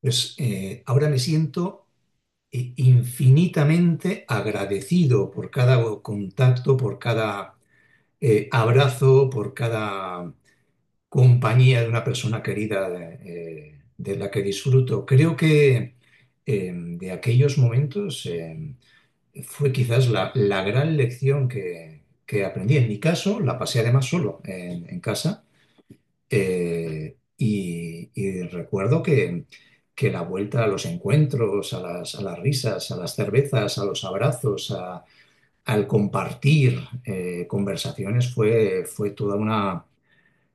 Pues ahora me siento infinitamente agradecido por cada contacto, por cada abrazo, por cada compañía de una persona querida de la que disfruto. Creo que de aquellos momentos fue quizás la gran lección que aprendí. En mi caso, la pasé además solo en casa y recuerdo que la vuelta a los encuentros, a las risas, a las cervezas, a los al compartir conversaciones fue toda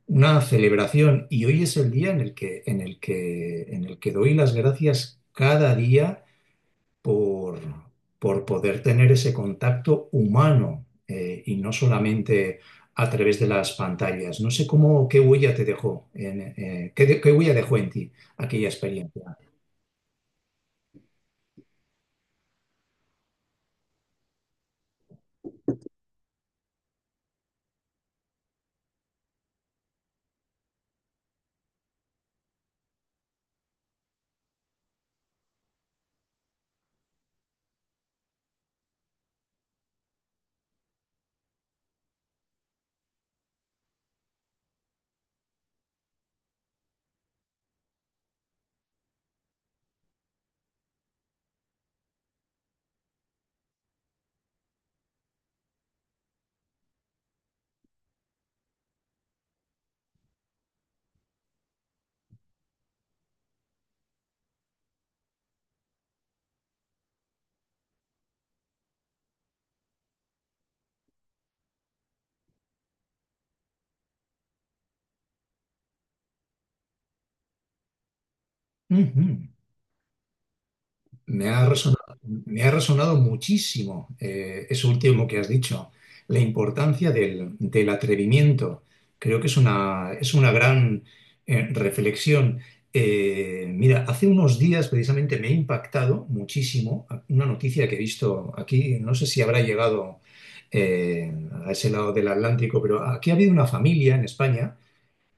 una celebración. Y hoy es el día en en el que doy las gracias cada día por, por poder tener ese contacto humano y no solamente a través de las pantallas. No sé qué huella te dejó, en, qué, de- qué huella dejó en ti aquella experiencia. Ujú. Me ha resonado muchísimo eso último que has dicho, la importancia del atrevimiento. Creo que es es una gran reflexión. Mira, hace unos días precisamente me ha impactado muchísimo una noticia que he visto aquí. No sé si habrá llegado eh, a ese lado del Atlántico, pero aquí ha habido una familia en España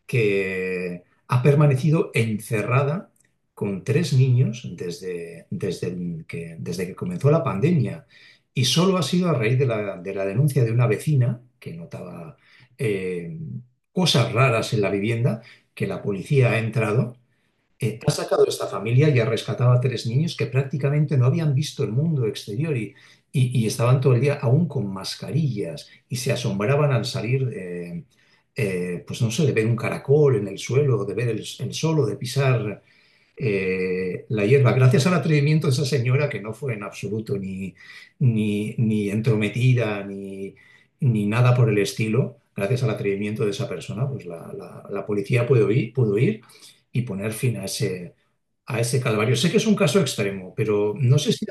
que ha permanecido encerrada con tres niños desde que comenzó la pandemia. Y solo ha sido a raíz de de la denuncia de una vecina que notaba eh, cosas raras en la vivienda que la policía ha entrado, ha sacado esta familia y ha rescatado a tres niños que prácticamente no habían visto el mundo exterior y estaban todo el día aún con mascarillas y se asombraban al salir, pues no sé, de ver un caracol en el suelo, de ver el sol o de pisar la hierba, gracias al atrevimiento de esa señora que no fue en absoluto ni entrometida ni nada por el estilo, gracias al atrevimiento de esa persona, pues la policía pudo ir y poner fin a a ese calvario. Sé que es un caso extremo, pero no sé si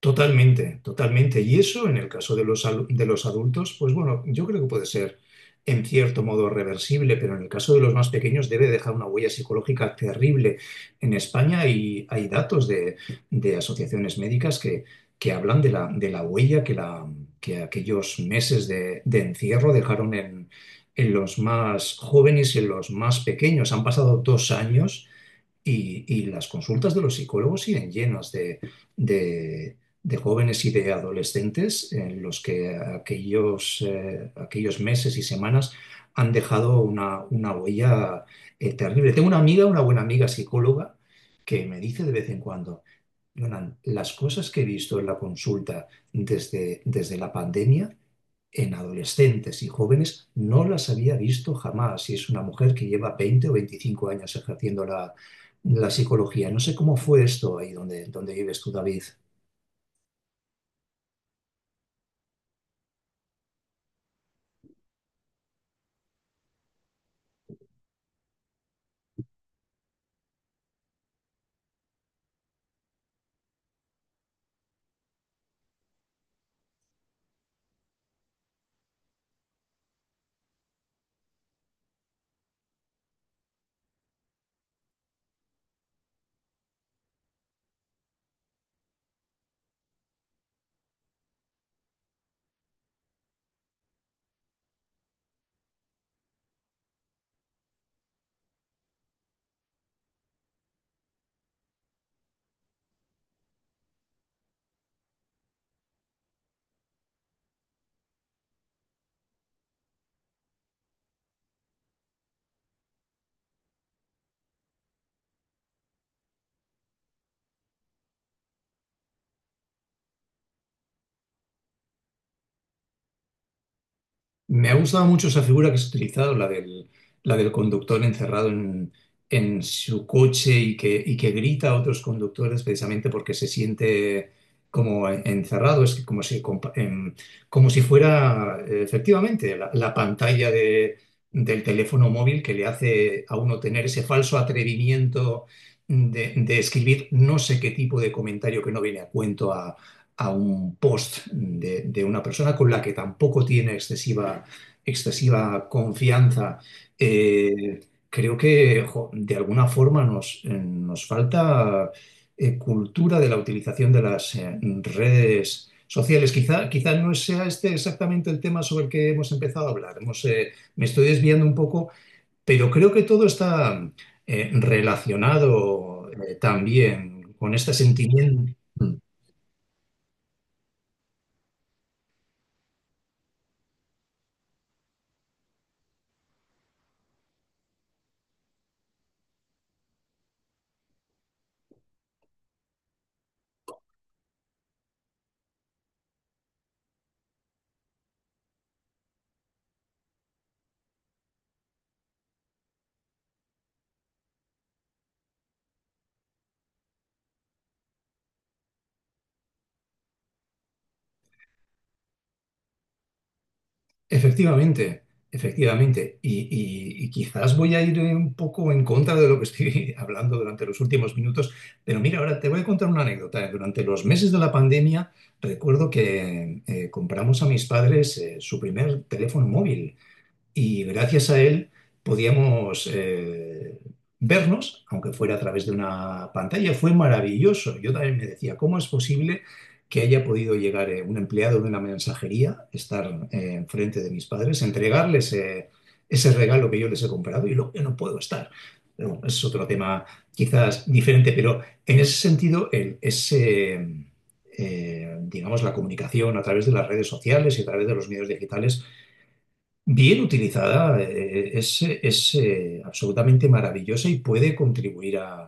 totalmente, totalmente. Y eso en el caso de de los adultos, pues bueno, yo creo que puede ser en cierto modo reversible, pero en el caso de los más pequeños debe dejar una huella psicológica terrible. En España hay datos de asociaciones médicas que hablan de de la huella que aquellos meses de encierro dejaron en los más jóvenes y en los más pequeños. Han pasado dos años y las consultas de los psicólogos siguen llenas de- de jóvenes y de adolescentes en los que aquellos meses y semanas han dejado una huella terrible. Tengo una amiga, una buena amiga psicóloga, que me dice de vez en cuando, Jonan, las cosas que he visto en la consulta desde la pandemia en adolescentes y jóvenes no las había visto jamás. Y es una mujer que lleva 20 o 25 años ejerciendo la psicología. No sé cómo fue esto ahí donde vives tú, David. Me ha gustado mucho esa figura que has utilizado, la del conductor encerrado en su coche y que grita a otros conductores precisamente porque se siente como encerrado, es que como como si fuera efectivamente la pantalla del teléfono móvil que le hace a uno tener ese falso atrevimiento de escribir no sé qué tipo de comentario que no viene a cuento a un post de una persona con la que tampoco tiene excesiva, excesiva confianza. eh, Creo que jo, de alguna forma nos falta cultura de la utilización de las redes sociales. Quizá, quizá no sea este exactamente el tema sobre el que hemos empezado a hablar. Me estoy desviando un poco, pero creo que todo está relacionado, también con este sentimiento. Efectivamente, efectivamente. Y quizás voy a ir un poco en contra de lo que estoy hablando durante los últimos minutos, pero mira, ahora te voy a contar una anécdota. Durante los meses de la pandemia, recuerdo que compramos a mis padres su primer teléfono móvil y gracias a él podíamos vernos, aunque fuera a través de una pantalla. Fue maravilloso. Yo también me decía, ¿cómo es posible que haya podido llegar un empleado de una mensajería, estar enfrente de mis padres, entregarles ese regalo que yo les he comprado y luego yo no puedo estar? Pero bueno, es otro tema quizás diferente, pero en ese sentido, digamos, la comunicación a través de las redes sociales y a través de los medios digitales bien utilizada, es, es absolutamente maravillosa y puede contribuir a,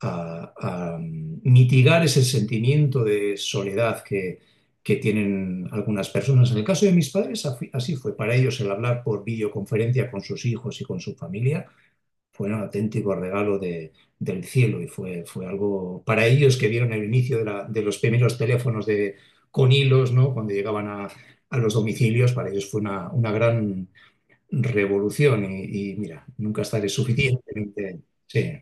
a- a mm, mitigar ese sentimiento de soledad que tienen algunas personas. En el caso de mis padres, así fue. Para ellos el hablar por videoconferencia con sus hijos y con su familia fue un auténtico regalo del cielo y fue algo para ellos que vieron el inicio de los primeros teléfonos de, con hilos, ¿no? Cuando llegaban a los domicilios, para ellos fue una gran revolución mira, nunca estaré suficientemente. Sí.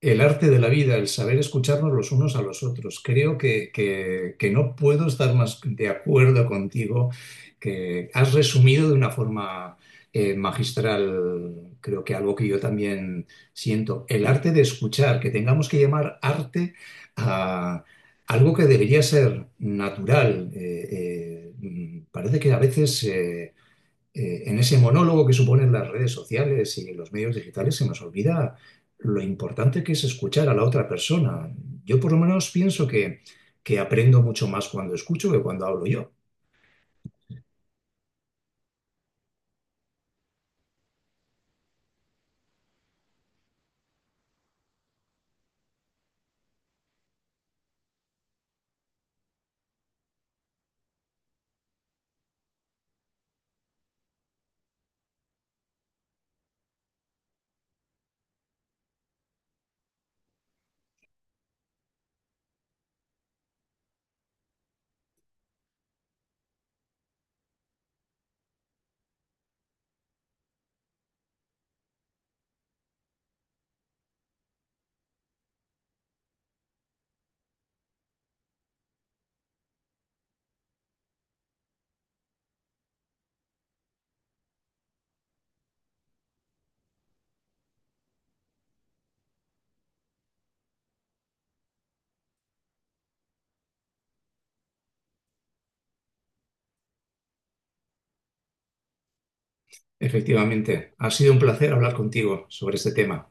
El arte de la vida, el saber escucharnos los unos a los otros. Creo que no puedo estar más de acuerdo contigo, que has resumido de una forma magistral, creo que algo que yo también siento. El arte de escuchar, que tengamos que llamar arte a algo que debería ser natural. Mm, parece que a veces, en ese monólogo que suponen las redes sociales y los medios digitales se nos olvida lo importante que es escuchar a la otra persona. Yo por lo menos pienso que aprendo mucho más cuando escucho que cuando hablo yo. Efectivamente, ha sido un placer hablar contigo sobre este tema.